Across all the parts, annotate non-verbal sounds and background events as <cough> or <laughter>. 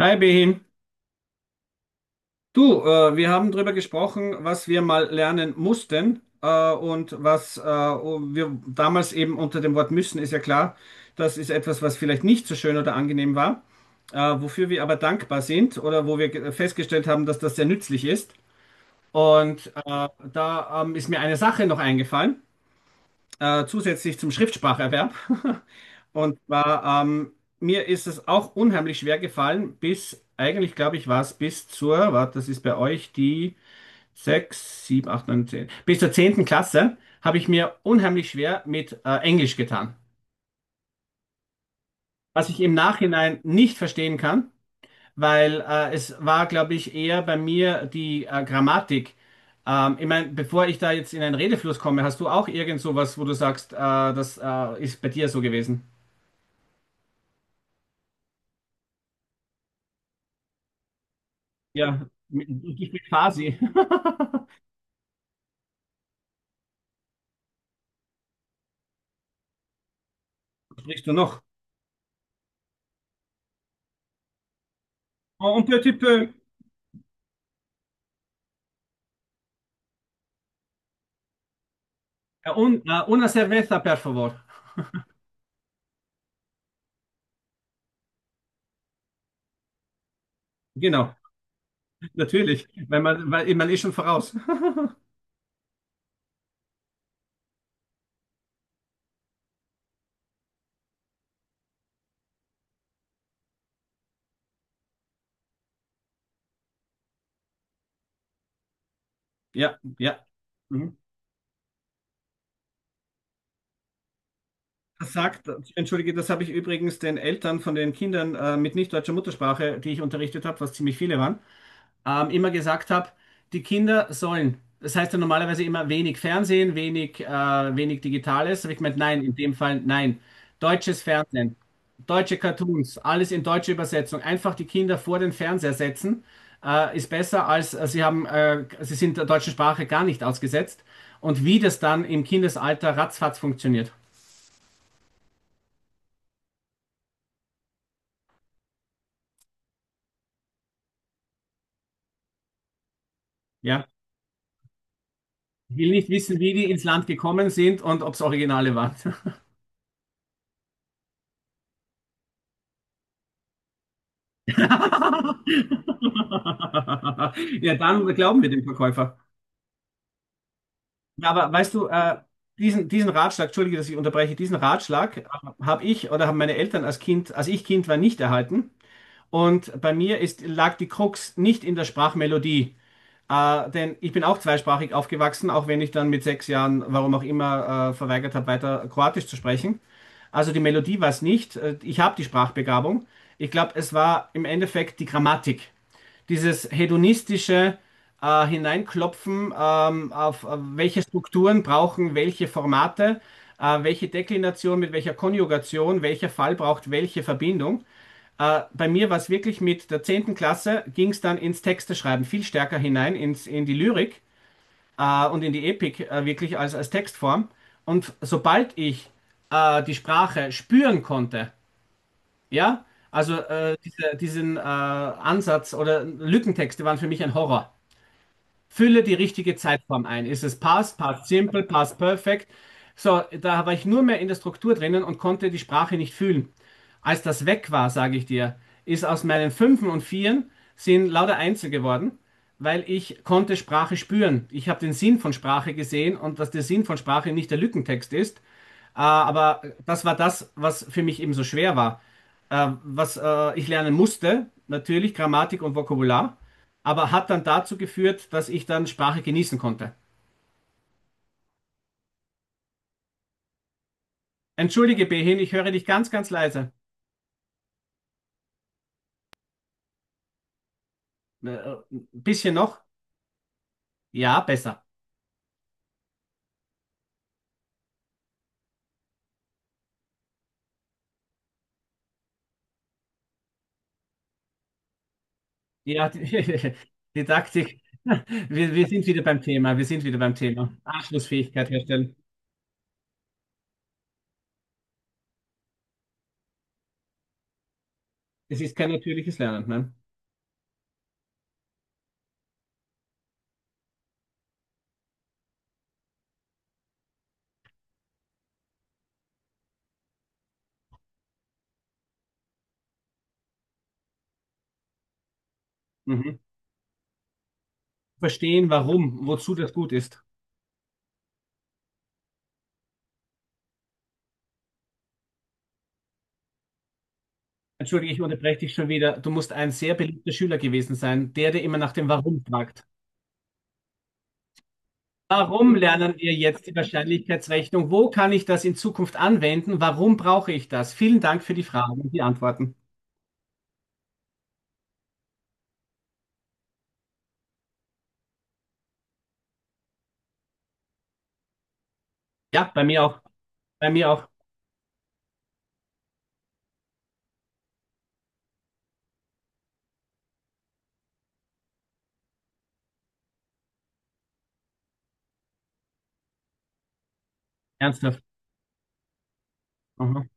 Hi Behin, du, wir haben drüber gesprochen, was wir mal lernen mussten und was wir damals eben unter dem Wort müssen, ist ja klar, das ist etwas, was vielleicht nicht so schön oder angenehm war, wofür wir aber dankbar sind oder wo wir festgestellt haben, dass das sehr nützlich ist. Und da ist mir eine Sache noch eingefallen, zusätzlich zum Schriftspracherwerb. <laughs> Und war, mir ist es auch unheimlich schwer gefallen, bis, eigentlich glaube ich, war es bis zur, warte, das ist bei euch die 6, 7, 8, 9, 10. Bis zur zehnten Klasse habe ich mir unheimlich schwer mit Englisch getan. Was ich im Nachhinein nicht verstehen kann, weil es war, glaube ich, eher bei mir die Grammatik. Ich meine, bevor ich da jetzt in einen Redefluss komme, hast du auch irgend sowas, wo du sagst, das ist bei dir so gewesen? Ja, ich bin quasi. <laughs> Riechst du noch? Oh, und petit peu. Un, una cerveza, per favor. Genau, natürlich. Wenn man, weil man ist schon voraus. <laughs> Ja, ja. Mhm. Das sagt, entschuldige, das habe ich übrigens den Eltern von den Kindern mit nicht deutscher Muttersprache, die ich unterrichtet habe, was ziemlich viele waren, immer gesagt habe, die Kinder sollen, das heißt ja normalerweise immer wenig Fernsehen, wenig, wenig Digitales, habe ich gemeint, nein, in dem Fall nein. Deutsches Fernsehen, deutsche Cartoons, alles in deutsche Übersetzung, einfach die Kinder vor den Fernseher setzen, ist besser als sie haben, sie sind der deutschen Sprache gar nicht ausgesetzt. Und wie das dann im Kindesalter ratzfatz funktioniert. Ja. Ich will nicht wissen, wie die ins Land gekommen sind und ob es Originale waren. <laughs> Ja, dann glauben wir dem Verkäufer. Ja, aber weißt du, diesen Ratschlag, entschuldige, dass ich unterbreche, diesen Ratschlag habe ich oder haben meine Eltern als Kind, als ich Kind war, nicht erhalten. Und bei mir ist, lag die Krux nicht in der Sprachmelodie. Denn ich bin auch zweisprachig aufgewachsen, auch wenn ich dann mit sechs Jahren, warum auch immer, verweigert habe, weiter Kroatisch zu sprechen. Also die Melodie war es nicht. Ich habe die Sprachbegabung. Ich glaube, es war im Endeffekt die Grammatik, dieses hedonistische Hineinklopfen, auf welche Strukturen brauchen welche Formate, welche Deklination mit welcher Konjugation, welcher Fall braucht welche Verbindung. Bei mir war es wirklich mit der zehnten Klasse, ging es dann ins Texteschreiben viel stärker hinein, in die Lyrik und in die Epik, wirklich als Textform. Und sobald ich die Sprache spüren konnte, ja, also diesen Ansatz oder Lückentexte waren für mich ein Horror. Fülle die richtige Zeitform ein. Ist es past, past simple, past perfect? So, da war ich nur mehr in der Struktur drinnen und konnte die Sprache nicht fühlen. Als das weg war, sage ich dir, ist aus meinen Fünfen und Vieren sind lauter Einsen geworden, weil ich konnte Sprache spüren. Ich habe den Sinn von Sprache gesehen und dass der Sinn von Sprache nicht der Lückentext ist, aber das war das, was für mich eben so schwer war. Was ich lernen musste, natürlich Grammatik und Vokabular, aber hat dann dazu geführt, dass ich dann Sprache genießen konnte. Entschuldige, Behin, ich höre dich ganz, ganz leise. Ein bisschen noch? Ja, besser. Ja, die, <laughs> Didaktik. Wir sind wieder beim Thema. Wir sind wieder beim Thema. Anschlussfähigkeit herstellen. Es ist kein natürliches Lernen, ne? Mhm. Verstehen, warum, wozu das gut ist. Entschuldige, ich unterbreche dich schon wieder. Du musst ein sehr beliebter Schüler gewesen sein, der dir immer nach dem Warum fragt. Warum lernen wir jetzt die Wahrscheinlichkeitsrechnung? Wo kann ich das in Zukunft anwenden? Warum brauche ich das? Vielen Dank für die Fragen und die Antworten. Ja, bei mir auch. Bei mir auch. Ernsthaft. Aha.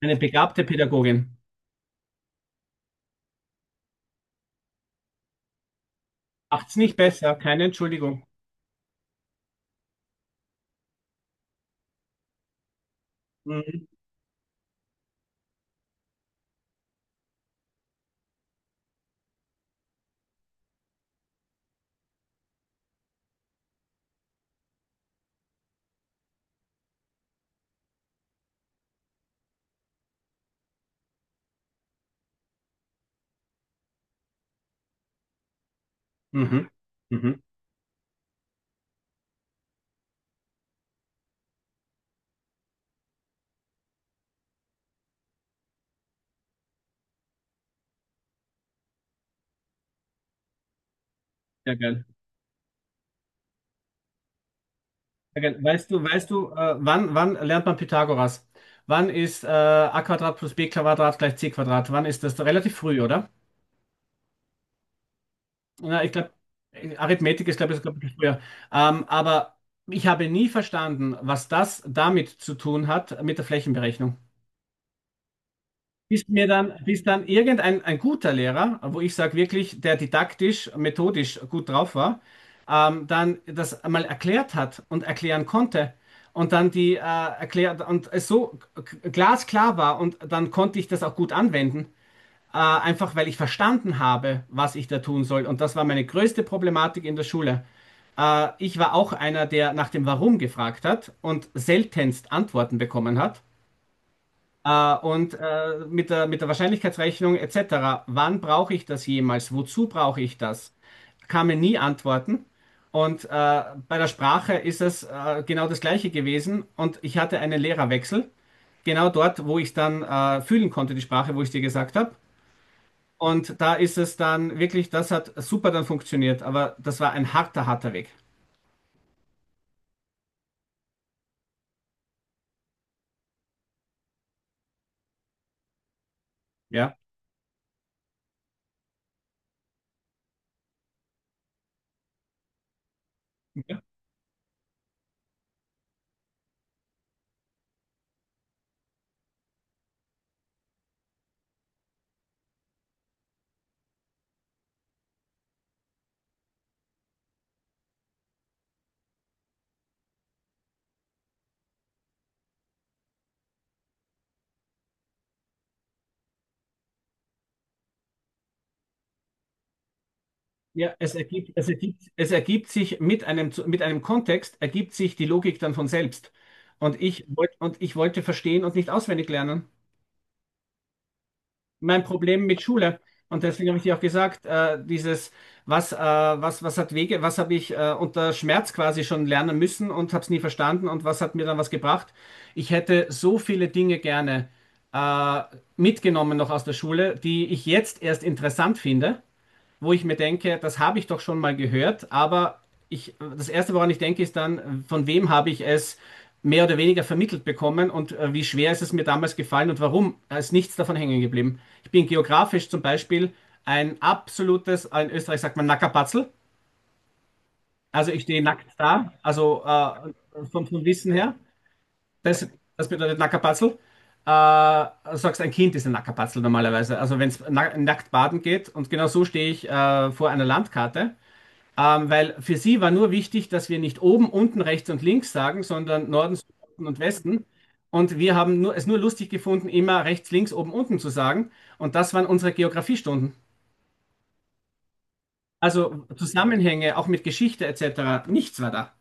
Eine begabte Pädagogin. Macht's nicht besser. Keine Entschuldigung. Mhm. Mhm. Mhm. Sehr geil. Sehr geil. Weißt du, wann, wann lernt man Pythagoras? Wann ist a Quadrat plus b Quadrat gleich c Quadrat? Wann ist das? Relativ früh, oder? Na, ich glaube, Arithmetik ist, glaube ich, sogar ein bisschen früher. Aber ich habe nie verstanden, was das damit zu tun hat, mit der Flächenberechnung. Bis mir dann, bis dann irgendein ein guter Lehrer, wo ich sage wirklich, der didaktisch, methodisch gut drauf war, dann das einmal erklärt hat und erklären konnte. Und dann die erklärt und es so glasklar war und dann konnte ich das auch gut anwenden, einfach weil ich verstanden habe, was ich da tun soll. Und das war meine größte Problematik in der Schule. Ich war auch einer, der nach dem Warum gefragt hat und seltenst Antworten bekommen hat. Mit der Wahrscheinlichkeitsrechnung etc. Wann brauche ich das jemals? Wozu brauche ich das? Kamen nie Antworten. Und bei der Sprache ist es genau das Gleiche gewesen. Und ich hatte einen Lehrerwechsel, genau dort, wo ich dann fühlen konnte, die Sprache, wo ich dir gesagt habe. Und da ist es dann wirklich, das hat super dann funktioniert, aber das war ein harter, harter Weg. Ja. Ja, ja, es ergibt sich mit einem, mit einem Kontext, ergibt sich die Logik dann von selbst. Und ich wollte verstehen und nicht auswendig lernen. Mein Problem mit Schule. Und deswegen habe ich dir auch gesagt, dieses, was, was hat Wege, was habe ich unter Schmerz quasi schon lernen müssen und habe es nie verstanden und was hat mir dann was gebracht? Ich hätte so viele Dinge gerne äh, mitgenommen noch aus der Schule, die ich jetzt erst interessant finde, wo ich mir denke, das habe ich doch schon mal gehört, aber ich, das Erste, woran ich denke, ist dann, von wem habe ich es mehr oder weniger vermittelt bekommen und wie schwer ist es mir damals gefallen und warum ist nichts davon hängen geblieben. Ich bin geografisch zum Beispiel ein absolutes, in Österreich sagt man Nackerpatzel, also ich stehe nackt da, also vom, vom Wissen her, das, das bedeutet Nackerpatzel. Äh, du sagst, ein Kind ist ein Nackerpatzel normalerweise. Also wenn es na nackt baden geht und genau so stehe ich vor einer Landkarte. Weil für sie war nur wichtig, dass wir nicht oben, unten, rechts und links sagen, sondern Norden, Süden und Westen. Und wir haben nur, es nur lustig gefunden, immer rechts, links, oben, unten zu sagen. Und das waren unsere Geografiestunden. Also Zusammenhänge, auch mit Geschichte etc. Nichts war da.